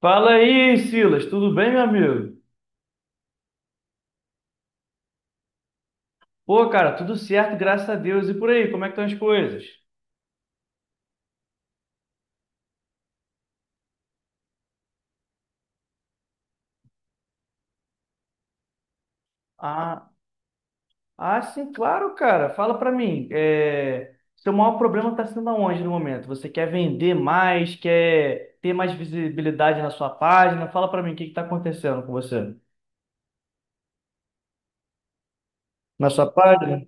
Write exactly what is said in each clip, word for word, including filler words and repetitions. Fala aí, Silas, tudo bem, meu amigo? Pô, cara, tudo certo, graças a Deus. E por aí, como é que estão as coisas? Ah, ah, sim, claro, cara. Fala pra mim, é... seu maior problema tá sendo aonde no momento? Você quer vender mais, quer ter mais visibilidade na sua página? Fala pra mim, o que que tá acontecendo com você? Na sua página?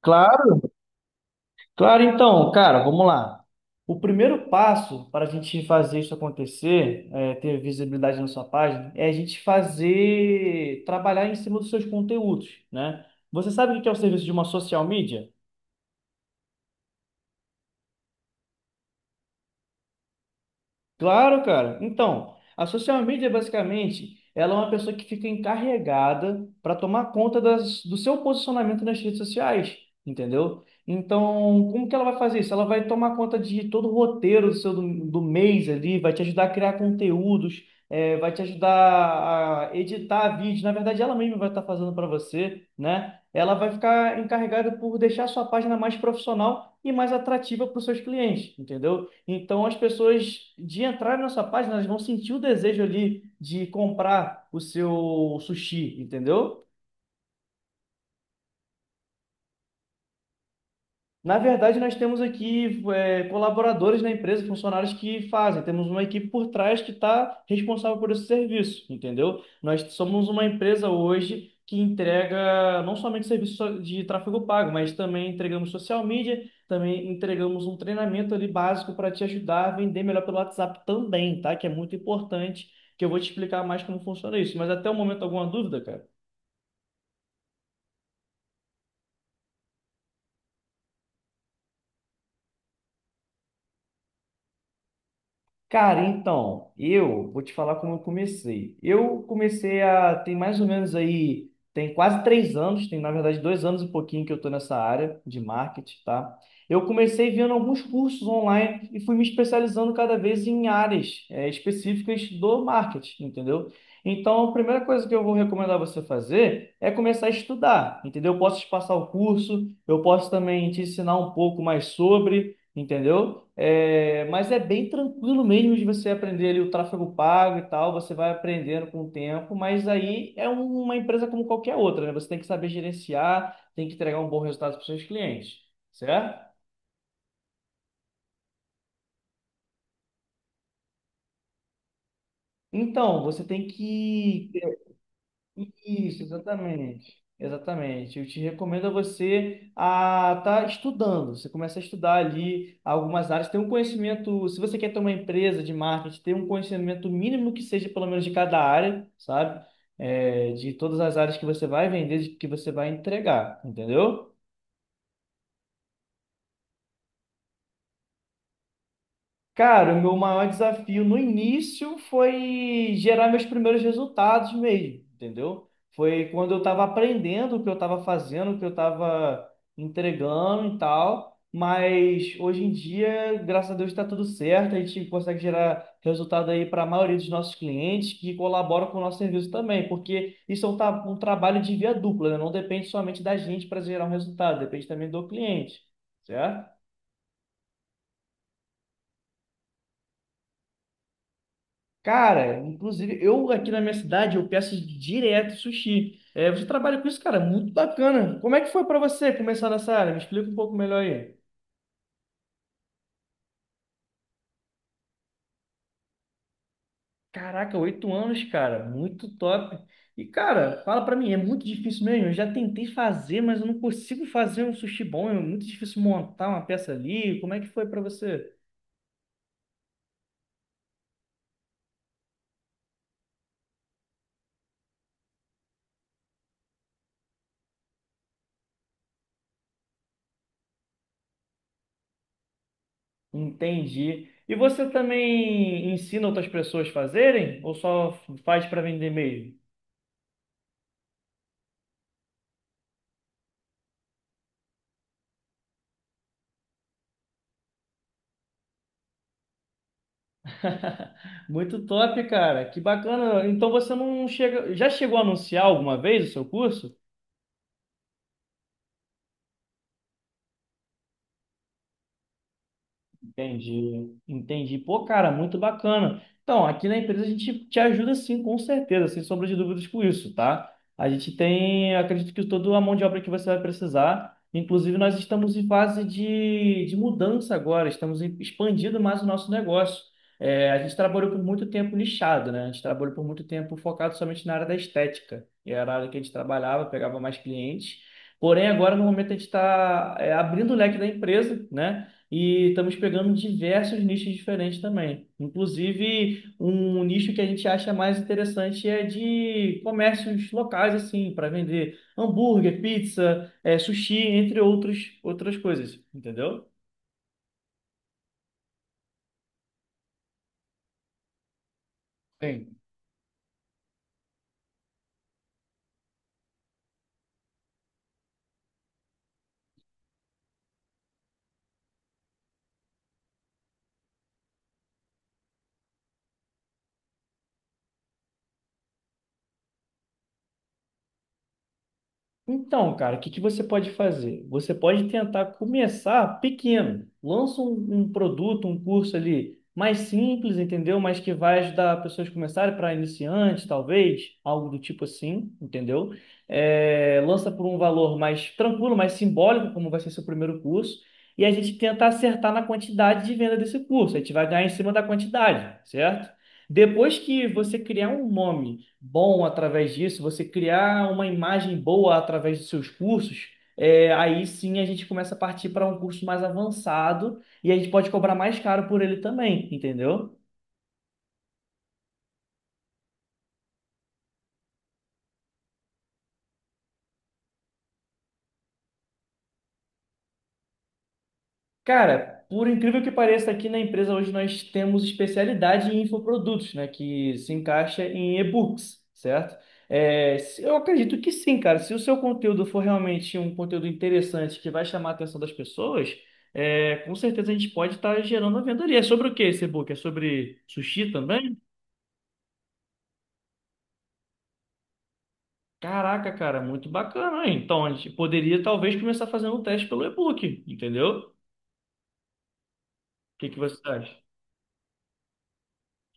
Claro. Claro, então, cara, vamos lá. O primeiro passo para a gente fazer isso acontecer, é, ter visibilidade na sua página, é a gente fazer, trabalhar em cima dos seus conteúdos, né? Você sabe o que é o serviço de uma social media? Claro, cara. Então, a social media, basicamente, ela é uma pessoa que fica encarregada para tomar conta das, do seu posicionamento nas redes sociais, entendeu? Então, como que ela vai fazer isso? Ela vai tomar conta de todo o roteiro do seu do, do mês ali, vai te ajudar a criar conteúdos, eh, vai te ajudar a editar vídeos. Na verdade, ela mesma vai estar fazendo para você, né? Ela vai ficar encarregada por deixar a sua página mais profissional e mais atrativa para os seus clientes, entendeu? Então, as pessoas de entrar na sua página, elas vão sentir o desejo ali de comprar o seu sushi, entendeu? Na verdade, nós temos aqui é, colaboradores na empresa, funcionários que fazem. Temos uma equipe por trás que está responsável por esse serviço, entendeu? Nós somos uma empresa hoje que entrega não somente serviço de tráfego pago, mas também entregamos social media, também entregamos um treinamento ali básico para te ajudar a vender melhor pelo WhatsApp também, tá? Que é muito importante, que eu vou te explicar mais como funciona isso. Mas até o momento, alguma dúvida, cara? Cara, então, eu vou te falar como eu comecei. Eu comecei a, tem mais ou menos aí, tem quase três anos, tem na verdade dois anos e pouquinho que eu estou nessa área de marketing, tá? Eu comecei vendo alguns cursos online e fui me especializando cada vez em áreas, eh, específicas do marketing, entendeu? Então, a primeira coisa que eu vou recomendar você fazer é começar a estudar, entendeu? Eu posso te passar o curso, eu posso também te ensinar um pouco mais sobre. Entendeu? É, mas é bem tranquilo mesmo de você aprender ali o tráfego pago e tal, você vai aprendendo com o tempo, mas aí é um- uma empresa como qualquer outra, né? Você tem que saber gerenciar, tem que entregar um bom resultado para os seus clientes, certo? Então, você tem que. Isso, exatamente. Exatamente. Eu te recomendo a você a estar estudando. Você começa a estudar ali algumas áreas, ter um conhecimento, se você quer ter uma empresa de marketing, ter um conhecimento mínimo que seja pelo menos de cada área, sabe? É, de todas as áreas que você vai vender, de que você vai entregar, entendeu? Cara, o meu maior desafio no início foi gerar meus primeiros resultados mesmo, entendeu? Foi quando eu estava aprendendo o que eu estava fazendo, o que eu estava entregando e tal. Mas hoje em dia, graças a Deus, está tudo certo. A gente consegue gerar resultado aí para a maioria dos nossos clientes que colaboram com o nosso serviço também, porque isso é um, tra- um trabalho de via dupla, né? Não depende somente da gente para gerar um resultado, depende também do cliente, certo? Cara, inclusive, eu aqui na minha cidade, eu peço direto sushi. É, você trabalha com isso, cara, muito bacana. Como é que foi pra você começar nessa área? Me explica um pouco melhor aí. Caraca, oito anos, cara, muito top. E, cara, fala pra mim, é muito difícil mesmo. Eu já tentei fazer, mas eu não consigo fazer um sushi bom. É muito difícil montar uma peça ali. Como é que foi pra você? Entendi. E você também ensina outras pessoas a fazerem? Ou só faz pra vender mesmo? Muito top, cara. Que bacana. Então você não chega. Já chegou a anunciar alguma vez o seu curso? Entendi, entendi. Pô, cara, muito bacana. Então, aqui na empresa a gente te ajuda sim, com certeza, sem sombra de dúvidas com isso, tá? A gente tem, acredito que toda a mão de obra que você vai precisar. Inclusive, nós estamos em fase de, de mudança agora, estamos em- expandindo mais o nosso negócio. É, a gente trabalhou por muito tempo nichado, né? A gente trabalhou por muito tempo focado somente na área da estética. E era a área que a gente trabalhava, pegava mais clientes. Porém, agora no momento a gente está abrindo o leque da empresa, né? E estamos pegando diversos nichos diferentes também. Inclusive, um nicho que a gente acha mais interessante é de comércios locais, assim, para vender hambúrguer, pizza, eh, sushi, entre outros, outras coisas, entendeu? Então, cara, o que que você pode fazer? Você pode tentar começar pequeno. Lança um, um produto, um curso ali mais simples, entendeu? Mas que vai ajudar pessoas a começarem para iniciantes, talvez, algo do tipo assim, entendeu? É, lança por um valor mais tranquilo, mais simbólico, como vai ser seu primeiro curso, e a gente tenta acertar na quantidade de venda desse curso. A gente vai ganhar em cima da quantidade, certo? Depois que você criar um nome bom através disso, você criar uma imagem boa através dos seus cursos, é, aí sim a gente começa a partir para um curso mais avançado e a gente pode cobrar mais caro por ele também, entendeu? Cara, por incrível que pareça, aqui na empresa hoje nós temos especialidade em infoprodutos, né? Que se encaixa em e-books, certo? É, se- eu acredito que sim, cara. Se o seu conteúdo for realmente um conteúdo interessante que vai chamar a atenção das pessoas, é, com certeza a gente pode estar gerando a venda ali. É sobre o que esse e-book? É sobre sushi também? Caraca, cara, muito bacana, hein? Então a gente poderia talvez começar fazendo um teste pelo e-book, entendeu? O que que você acha?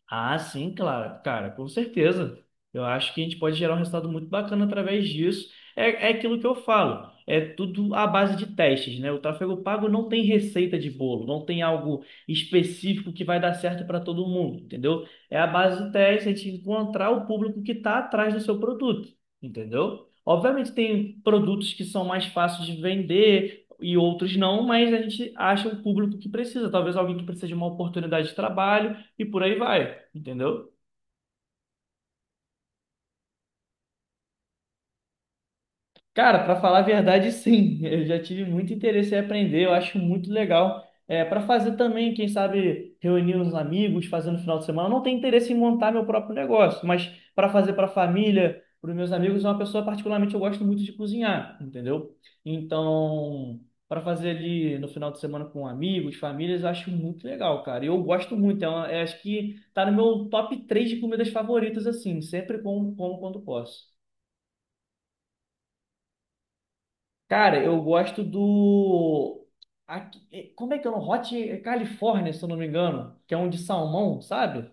Ah, sim, claro, cara, com certeza. Eu acho que a gente pode gerar um resultado muito bacana através disso. É, é aquilo que eu falo, é tudo à base de testes, né? O tráfego pago não tem receita de bolo, não tem algo específico que vai dar certo para todo mundo, entendeu? É a base de testes, a gente encontrar o público que está atrás do seu produto, entendeu? Obviamente tem produtos que são mais fáceis de vender e outros não, mas a gente acha o público que precisa, talvez alguém que precisa de uma oportunidade de trabalho e por aí vai, entendeu? Cara, para falar a verdade, sim, eu já tive muito interesse em aprender, eu acho muito legal. É, para fazer também, quem sabe, reunir uns amigos, fazer no final de semana. Eu não tenho interesse em montar meu próprio negócio, mas para fazer para a família, para os meus amigos, é uma pessoa particularmente eu gosto muito de cozinhar, entendeu? Então, para fazer ali no final de semana com amigos, famílias, eu acho muito legal, cara. E eu gosto muito, é uma- é, acho que tá no meu top três de comidas favoritas, assim, sempre como, como quando posso. Cara, eu gosto do... aqui- eh, Como é que é o nome? Hot California, se eu não me engano, que é um de salmão, sabe?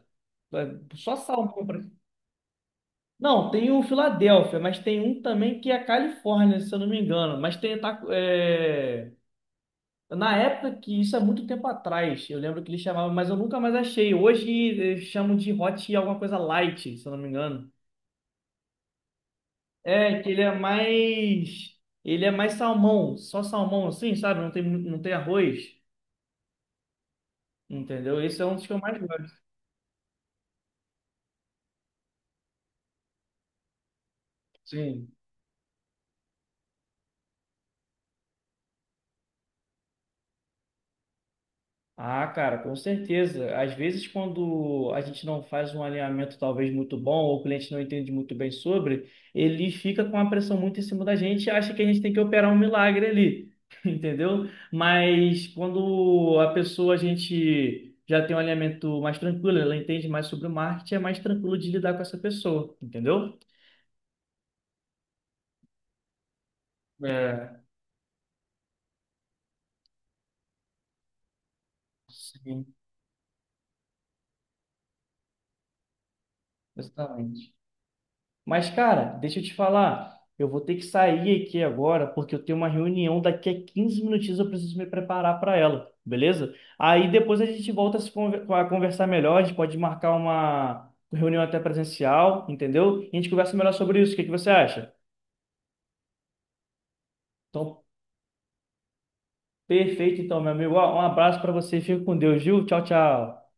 É só salmão. pra- Não, tem o Filadélfia, mas tem um também que é a Califórnia, se eu não me engano. Mas tem. Tá, é, Na época que isso é muito tempo atrás, eu lembro que eles chamavam, mas eu nunca mais achei. Hoje eles chamam de hot alguma coisa light, se eu não me engano. É, que ele é mais. Ele é mais salmão, só salmão assim, sabe? Não tem, mu- não tem arroz. Entendeu? Esse é um dos que eu mais gosto. Sim. Ah, cara, com certeza. Às vezes, quando a gente não faz um alinhamento talvez muito bom, ou o cliente não entende muito bem sobre, ele fica com a pressão muito em cima da gente e acha que a gente tem que operar um milagre ali. Entendeu? Mas quando a pessoa, a gente já tem um alinhamento mais tranquilo, ela entende mais sobre o marketing, é mais tranquilo de lidar com essa pessoa. Entendeu? É, sim, exatamente. Mas, cara, deixa eu te falar. Eu vou ter que sair aqui agora, porque eu tenho uma reunião daqui a quinze minutinhos, eu preciso me preparar para ela, beleza? Aí depois a gente volta a, se conver- a conversar melhor, a gente pode marcar uma reunião até presencial, entendeu? E a gente conversa melhor sobre isso. O que que você acha? Então, perfeito, então, meu amigo. Ó, um abraço para você, fica com Deus, viu? Tchau, tchau.